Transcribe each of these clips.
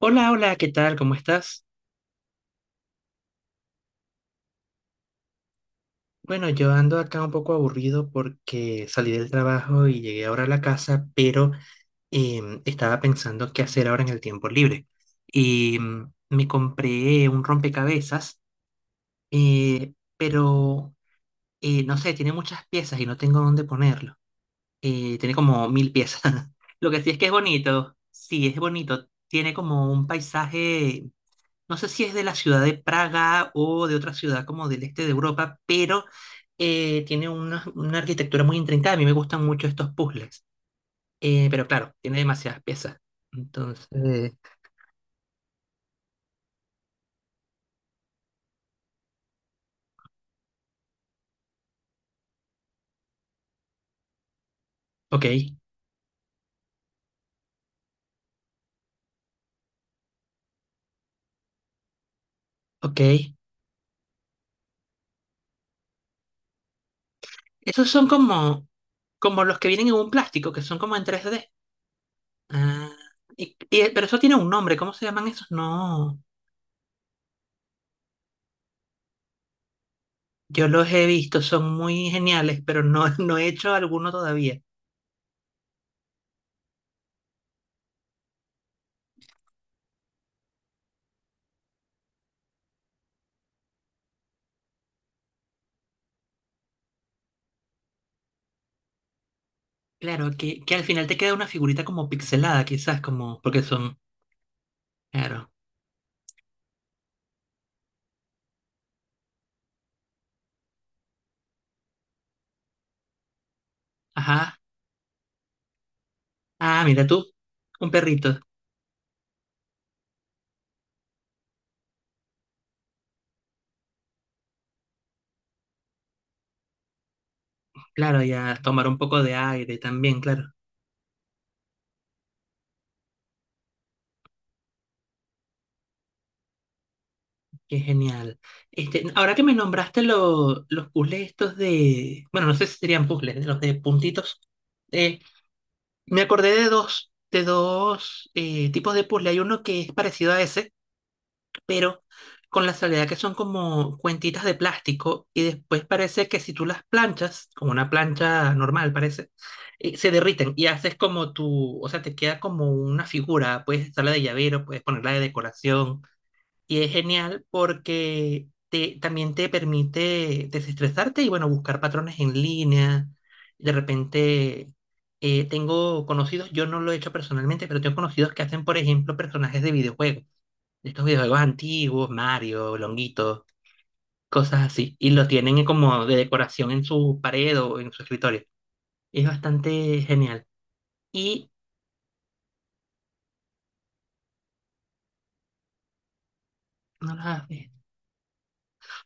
Hola, hola, ¿qué tal? ¿Cómo estás? Bueno, yo ando acá un poco aburrido porque salí del trabajo y llegué ahora a la casa, pero estaba pensando qué hacer ahora en el tiempo libre. Y me compré un rompecabezas, pero no sé, tiene muchas piezas y no tengo dónde ponerlo. Tiene como mil piezas. Lo que sí es que es bonito, sí, es bonito. Tiene como un paisaje, no sé si es de la ciudad de Praga o de otra ciudad como del este de Europa, pero tiene una arquitectura muy intrincada. A mí me gustan mucho estos puzzles. Pero claro, tiene demasiadas piezas. Entonces, ok, ok. Esos son como, como los que vienen en un plástico, que son como en 3D. Ah, pero eso tiene un nombre, ¿cómo se llaman esos? No, yo los he visto, son muy geniales, pero no, no he hecho alguno todavía. Claro, que al final te queda una figurita como pixelada, quizás, como, porque son, claro, ajá, ah, mira tú, un perrito, claro, y a tomar un poco de aire también, claro, qué genial. Este, ahora que me nombraste los puzzles estos de, bueno, no sé si serían puzzles, los de puntitos, eh, me acordé de dos tipos de puzzle, hay uno que es parecido a ese, pero con la salvedad que son como cuentitas de plástico y después parece que si tú las planchas, con una plancha normal parece, se derriten y haces como tu, o sea, te queda como una figura, puedes usarla de llavero, puedes ponerla de decoración y es genial porque te, también te permite desestresarte y bueno, buscar patrones en línea, de repente... tengo conocidos, yo no lo he hecho personalmente, pero tengo conocidos que hacen, por ejemplo, personajes de videojuegos, estos videojuegos antiguos, Mario, Longuito, cosas así, y los tienen como de decoración en su pared o en su escritorio. Es bastante genial. Y no las ves.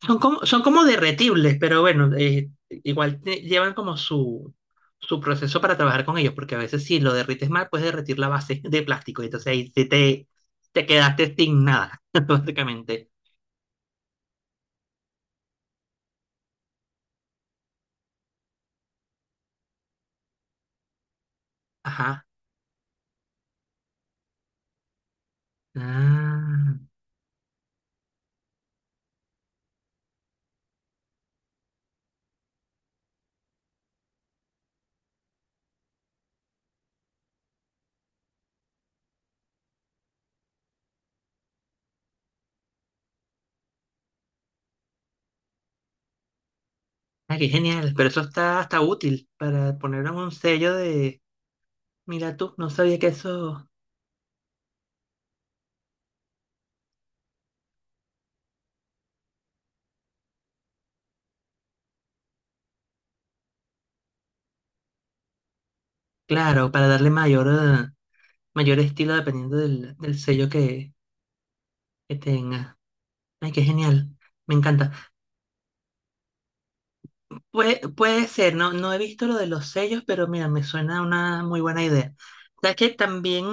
Son como derretibles, pero bueno, igual llevan como su proceso para trabajar con ellos, porque a veces si lo derrites mal, puedes derretir la base de plástico, y entonces ahí te quedaste sin nada, básicamente. Ajá. Ah, ah, qué genial, pero eso está hasta útil para poner un sello de. Mira tú, no sabía que eso, claro, para darle mayor, mayor estilo dependiendo del sello que tenga. Ay, qué genial, me encanta. Puede ser, no, no he visto lo de los sellos, pero mira, me suena una muy buena idea. Sabes que también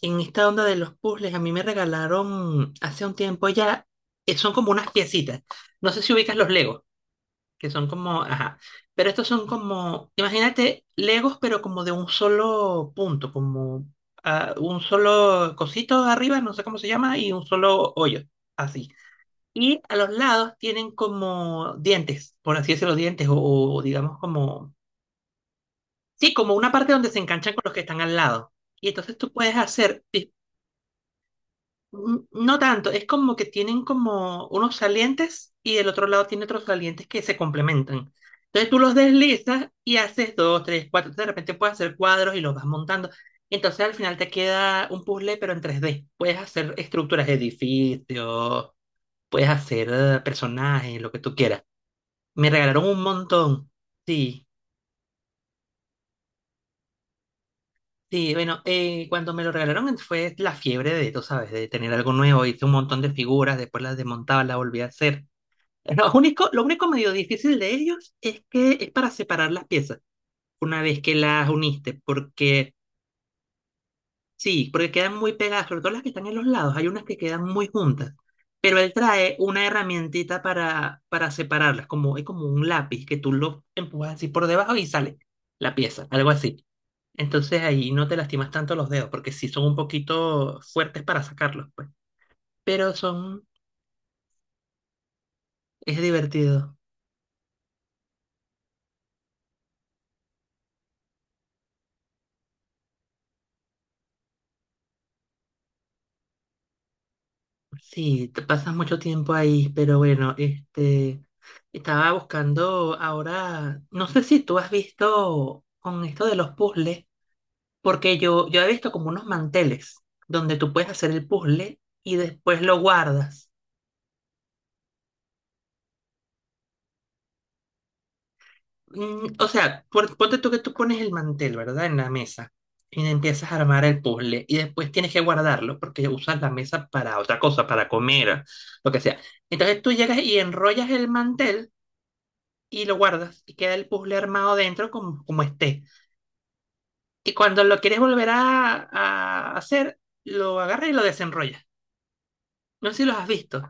en esta onda de los puzzles, a mí me regalaron hace un tiempo ya, son como unas piecitas. No sé si ubicas los Legos, que son como, ajá, pero estos son como, imagínate, Legos, pero como de un solo punto, como ah, un solo cosito arriba, no sé cómo se llama, y un solo hoyo, así. Y a los lados tienen como dientes, por así decirlo, dientes, o digamos como, sí, como una parte donde se enganchan con los que están al lado. Y entonces tú puedes hacer. No tanto, es como que tienen como unos salientes y del otro lado tiene otros salientes que se complementan. Entonces tú los deslizas y haces dos, tres, cuatro. De repente puedes hacer cuadros y los vas montando. Entonces al final te queda un puzzle, pero en 3D. Puedes hacer estructuras de edificios, puedes hacer personajes, lo que tú quieras. Me regalaron un montón. Sí, sí, bueno, cuando me lo regalaron fue la fiebre de, tú sabes, de tener algo nuevo. Hice un montón de figuras, después las desmontaba, las volví a hacer. Lo único medio difícil de ellos es que es para separar las piezas una vez que las uniste, porque sí, porque quedan muy pegadas, sobre todo las que están en los lados, hay unas que quedan muy juntas, pero él trae una herramientita para separarlas, como, es como un lápiz que tú lo empujas así por debajo y sale la pieza, algo así. Entonces ahí no te lastimas tanto los dedos, porque sí son un poquito fuertes para sacarlos, pues, pero son, es divertido. Sí, te pasas mucho tiempo ahí, pero bueno, este, estaba buscando ahora, no sé si tú has visto con esto de los puzzles, porque yo he visto como unos manteles donde tú puedes hacer el puzzle y después lo guardas. O sea, ponte tú que tú pones el mantel, ¿verdad? En la mesa y empiezas a armar el puzzle y después tienes que guardarlo porque usas la mesa para otra cosa, para comer, lo que sea. Entonces tú llegas y enrollas el mantel, y lo guardas y queda el puzzle armado dentro como, como esté. Y cuando lo quieres volver a hacer, lo agarras y lo desenrollas. No sé si los has visto.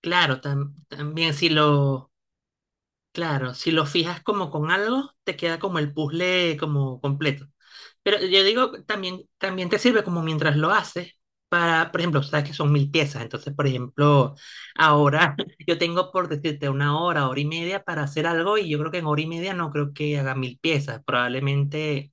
Claro, también si lo, claro, si lo fijas como con algo, te queda como el puzzle como completo. Pero yo digo, también, también te sirve como mientras lo haces. Para, por ejemplo, sabes que son mil piezas, entonces, por ejemplo, ahora yo tengo por decirte una hora, hora y media para hacer algo y yo creo que en hora y media no creo que haga mil piezas, probablemente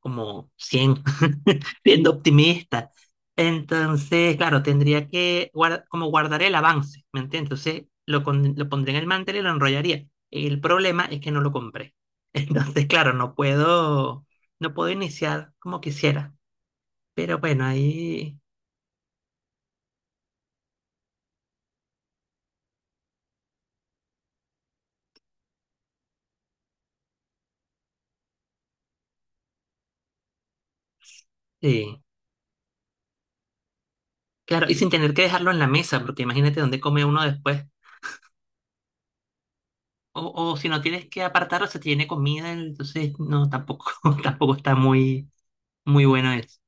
como cien, siendo optimista. Entonces, claro, tendría que como guardar el avance, ¿me entiendes? Entonces, lo pondré en el mantel y lo enrollaría. El problema es que no lo compré. Entonces, claro, no puedo, no puedo iniciar como quisiera. Pero bueno, ahí sí. Claro, y sin tener que dejarlo en la mesa, porque imagínate dónde come uno después. O, o si no tienes que apartarlo, se tiene comida, entonces no, tampoco, tampoco está muy, muy bueno eso.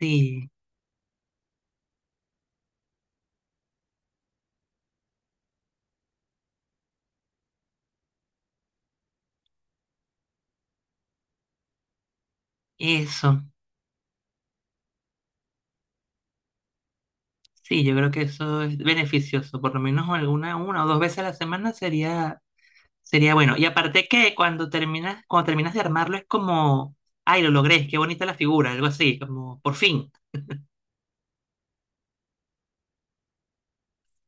Sí. Eso, sí, yo creo que eso es beneficioso, por lo menos alguna, una o dos veces a la semana sería, sería bueno. Y aparte que cuando terminas de armarlo es como, ay, lo logré, qué bonita la figura, algo así, como por fin,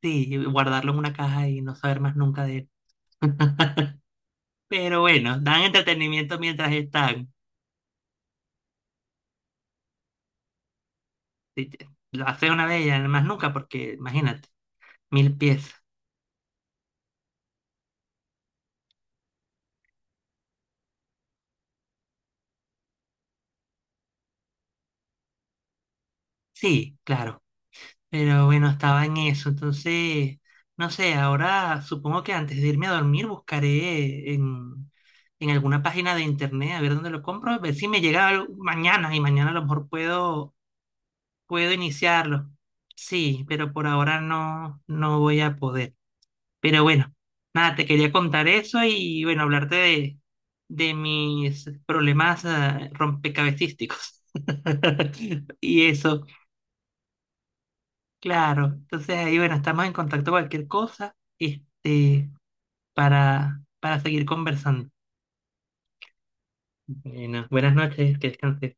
sí, guardarlo en una caja y no saber más nunca de él. Pero bueno, dan entretenimiento mientras están. Si lo haces una vez y ya más nunca, porque imagínate, mil piezas. Sí, claro. Pero bueno, estaba en eso. Entonces, no sé, ahora supongo que antes de irme a dormir buscaré en alguna página de internet a ver dónde lo compro, a ver si me llega algo mañana y mañana a lo mejor puedo, puedo iniciarlo. Sí, pero por ahora no, no voy a poder. Pero bueno, nada, te quería contar eso y bueno, hablarte de mis problemas rompecabecísticos. Y eso. Claro, entonces ahí bueno, estamos en contacto cualquier cosa, este, para, seguir conversando. Bueno, buenas noches, que descanses.